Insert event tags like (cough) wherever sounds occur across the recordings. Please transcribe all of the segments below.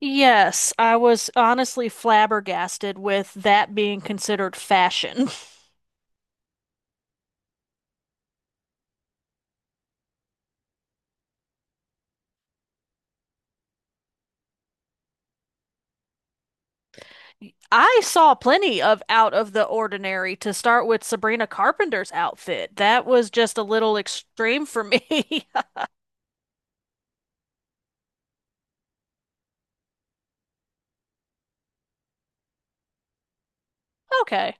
Yes, I was honestly flabbergasted with that being considered fashion. (laughs) I saw plenty of out of the ordinary to start with Sabrina Carpenter's outfit. That was just a little extreme for me. (laughs) Okay.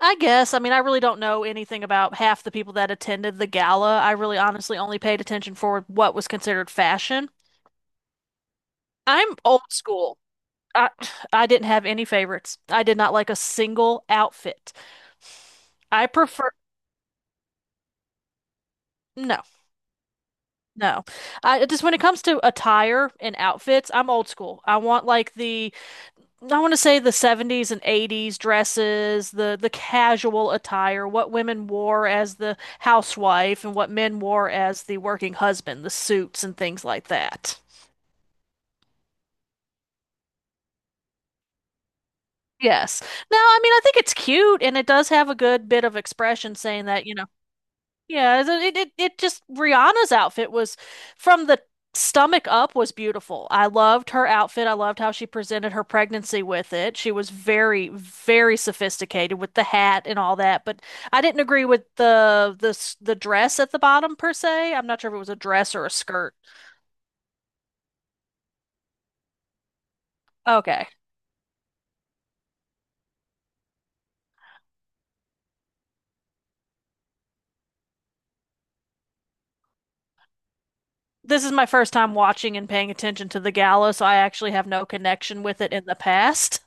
I guess. I mean, I really don't know anything about half the people that attended the gala. I really honestly only paid attention for what was considered fashion. I'm old school. I I didn't have any favorites. I did not like a single outfit. I prefer no. No. I just when it comes to attire and outfits, I'm old school. I want like the. I want to say the 70s and 80s dresses, the casual attire, what women wore as the housewife and what men wore as the working husband, the suits and things like that. Yes. Now, I mean, I think it's cute and it does have a good bit of expression saying that. It just Rihanna's outfit was from the stomach up was beautiful. I loved her outfit. I loved how she presented her pregnancy with it. She was very, very sophisticated with the hat and all that. But I didn't agree with the dress at the bottom per se. I'm not sure if it was a dress or a skirt. Okay. This is my first time watching and paying attention to the gala, so I actually have no connection with it in the past.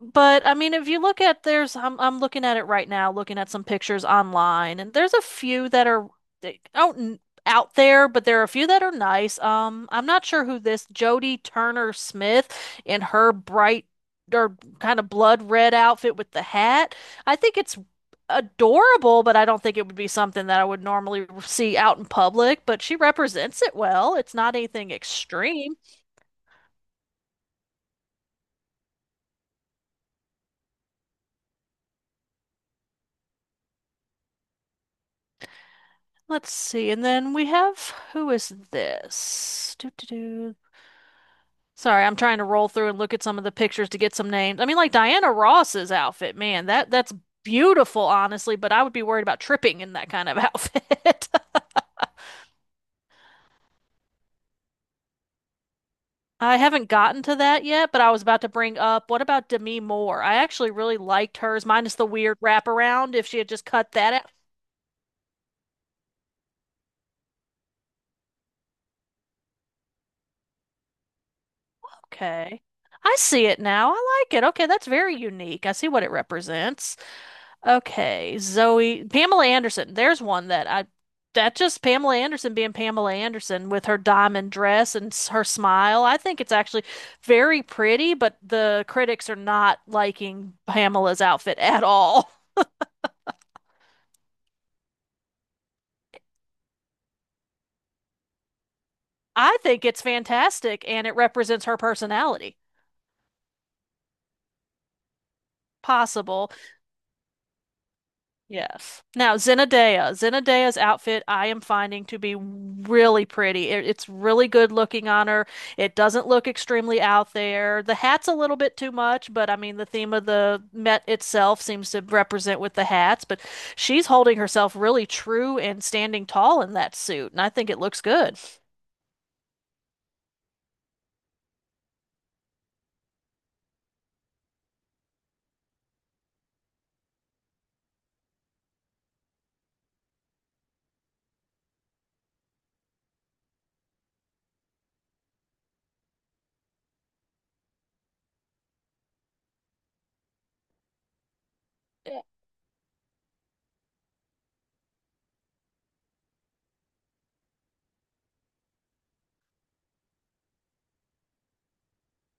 But I mean, if you look at I'm looking at it right now, looking at some pictures online, and there's a few that are they- out n- out there, but there are a few that are nice. I'm not sure who this Jodie Turner Smith in her bright or kind of blood red outfit with the hat. I think it's adorable, but I don't think it would be something that I would normally see out in public. But she represents it well. It's not anything extreme. Let's see. And then we have who is this? Doo, doo, doo. Sorry, I'm trying to roll through and look at some of the pictures to get some names. I mean, like Diana Ross's outfit, man, that's beautiful, honestly, but I would be worried about tripping in that kind of (laughs) outfit. I haven't gotten to that yet, but I was about to bring up, what about Demi Moore? I actually really liked hers, minus the weird wraparound. If she had just cut that out. Okay. I see it now. I like it. Okay, that's very unique. I see what it represents. Okay, Zoe, Pamela Anderson. There's one that I That just Pamela Anderson being Pamela Anderson with her diamond dress and her smile. I think it's actually very pretty, but the critics are not liking Pamela's outfit at all. (laughs) I think it's fantastic and it represents her personality. Possible. Yes. Now, Zenadea. Zenadea's outfit I am finding to be really pretty. It's really good looking on her. It doesn't look extremely out there. The hat's a little bit too much, but I mean, the theme of the Met itself seems to represent with the hats, but she's holding herself really true and standing tall in that suit, and I think it looks good. Yeah.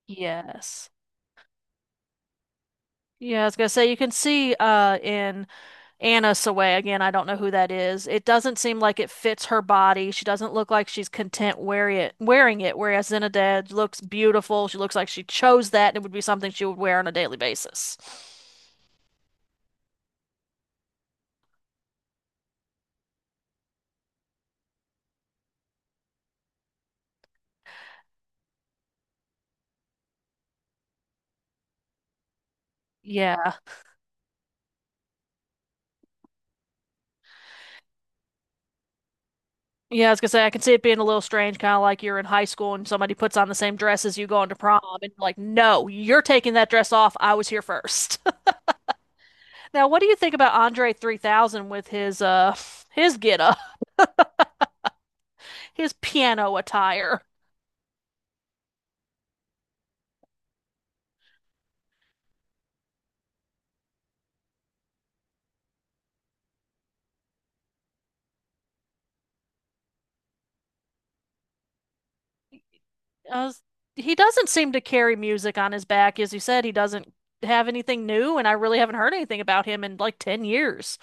Yes. Yeah, I was gonna say you can see in Anna Sawai, again, I don't know who that is. It doesn't seem like it fits her body. She doesn't look like she's content wearing it, whereas Zinedad looks beautiful. She looks like she chose that and it would be something she would wear on a daily basis. Yeah. Yeah, I was gonna say I can see it being a little strange, kind of like you're in high school and somebody puts on the same dress as you going to prom, and you're like, no, you're taking that dress off. I was here first. (laughs) Now, what do you think about Andre 3000 with his get up, his piano attire? Uh, he doesn't seem to carry music on his back. As you said, he doesn't have anything new, and I really haven't heard anything about him in like 10 years.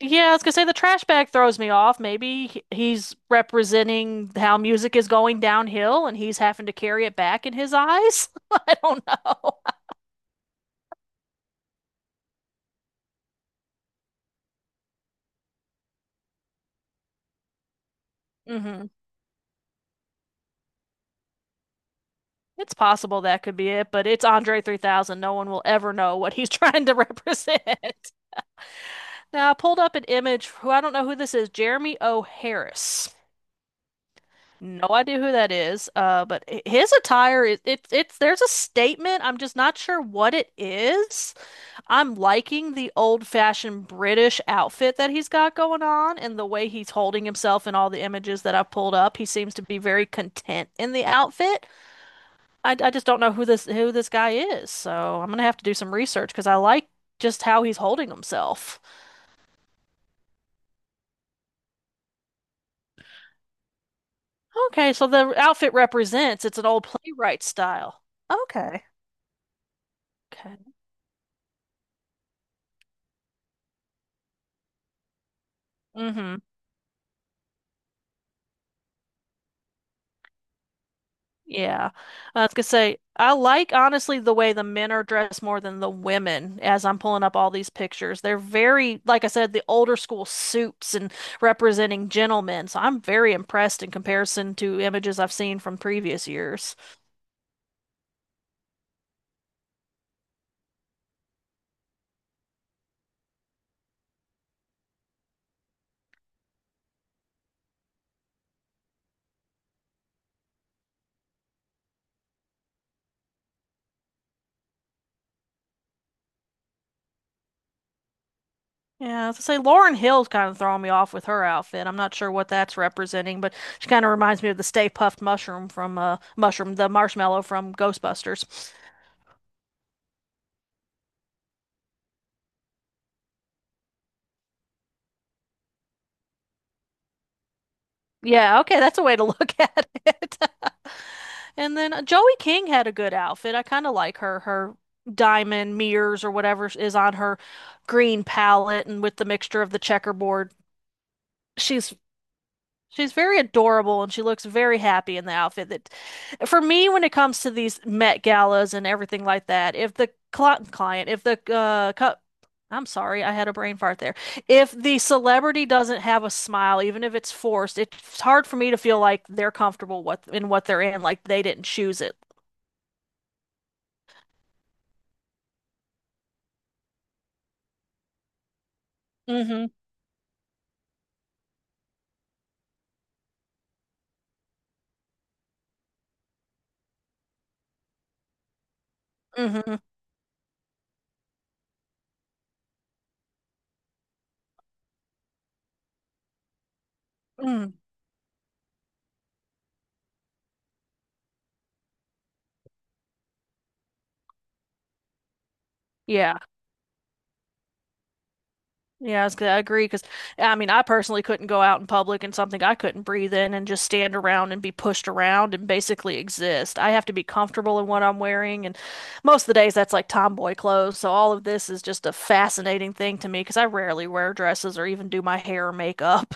Yeah, I was gonna say the trash bag throws me off. Maybe he's representing how music is going downhill and he's having to carry it back in his eyes. (laughs) I don't know. Hmm. It's possible that could be it, but it's Andre 3000. No one will ever know what he's (laughs) trying to represent. Now, I pulled up an image. Who I don't know who this is, Jeremy O. Harris. No idea who that is. His attire is it's there's a statement. I'm just not sure what it is. I'm liking the old-fashioned British outfit that he's got going on and the way he's holding himself in all the images that I've pulled up. He seems to be very content in the outfit. I just don't know who this guy is. So I'm gonna have to do some research because I like just how he's holding himself. Okay, so the outfit represents it's an old playwright style. Okay. Okay. Mm-hmm. Yeah. I was gonna say, I like honestly the way the men are dressed more than the women as I'm pulling up all these pictures. They're very, like I said, the older school suits and representing gentlemen. So I'm very impressed in comparison to images I've seen from previous years. Yeah, I was gonna say Lauren Hill's kind of throwing me off with her outfit. I'm not sure what that's representing, but she kind of reminds me of the Stay Puffed Mushroom from the marshmallow from Ghostbusters. Yeah, okay, that's a way to look (laughs) at it. (laughs) And then Joey King had a good outfit. I kind of like her diamond mirrors or whatever is on her green palette and with the mixture of the checkerboard. She's She's very adorable and she looks very happy in the outfit that for me when it comes to these Met galas and everything like that, if the cli- client, if the cu- I'm sorry, I had a brain fart there. If the celebrity doesn't have a smile, even if it's forced, it's hard for me to feel like they're comfortable what in what they're in, like they didn't choose it. Hmm. Hmm. Mm. Yeah. Yeah, I was gonna I agree because I mean, I personally couldn't go out in public in something I couldn't breathe in and just stand around and be pushed around and basically exist. I have to be comfortable in what I'm wearing, and most of the days that's like tomboy clothes. So all of this is just a fascinating thing to me because I rarely wear dresses or even do my hair or makeup.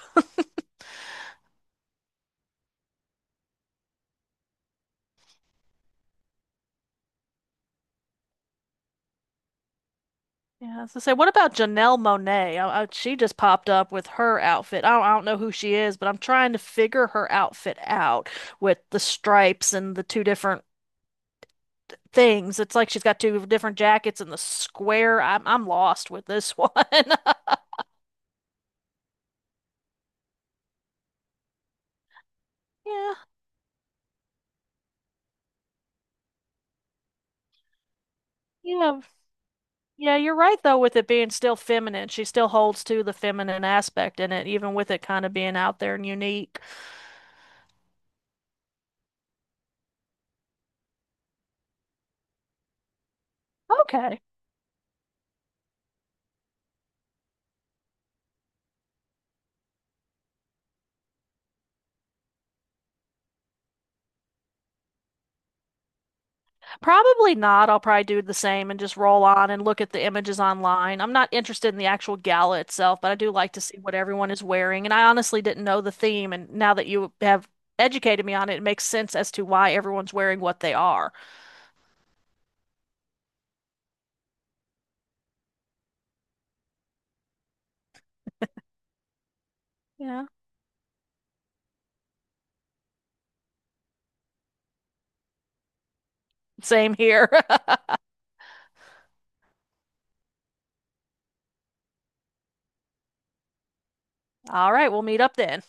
Yeah, so say, what about Janelle Monáe? She just popped up with her outfit. I don't know who she is, but I'm trying to figure her outfit out with the stripes and the two different things. It's like she's got two different jackets in the square. I'm lost with this one. (laughs) Yeah, yeah, yeah. You're right though with it being still feminine. She still holds to the feminine aspect in it, even with it kind of being out there and unique. Okay, probably not. I'll probably do the same and just roll on and look at the images online. I'm not interested in the actual gala itself, but I do like to see what everyone is wearing. And I honestly didn't know the theme, and now that you have educated me on it, it makes sense as to why everyone's wearing what they are. Yeah. Same here. (laughs) All right, we'll meet up then.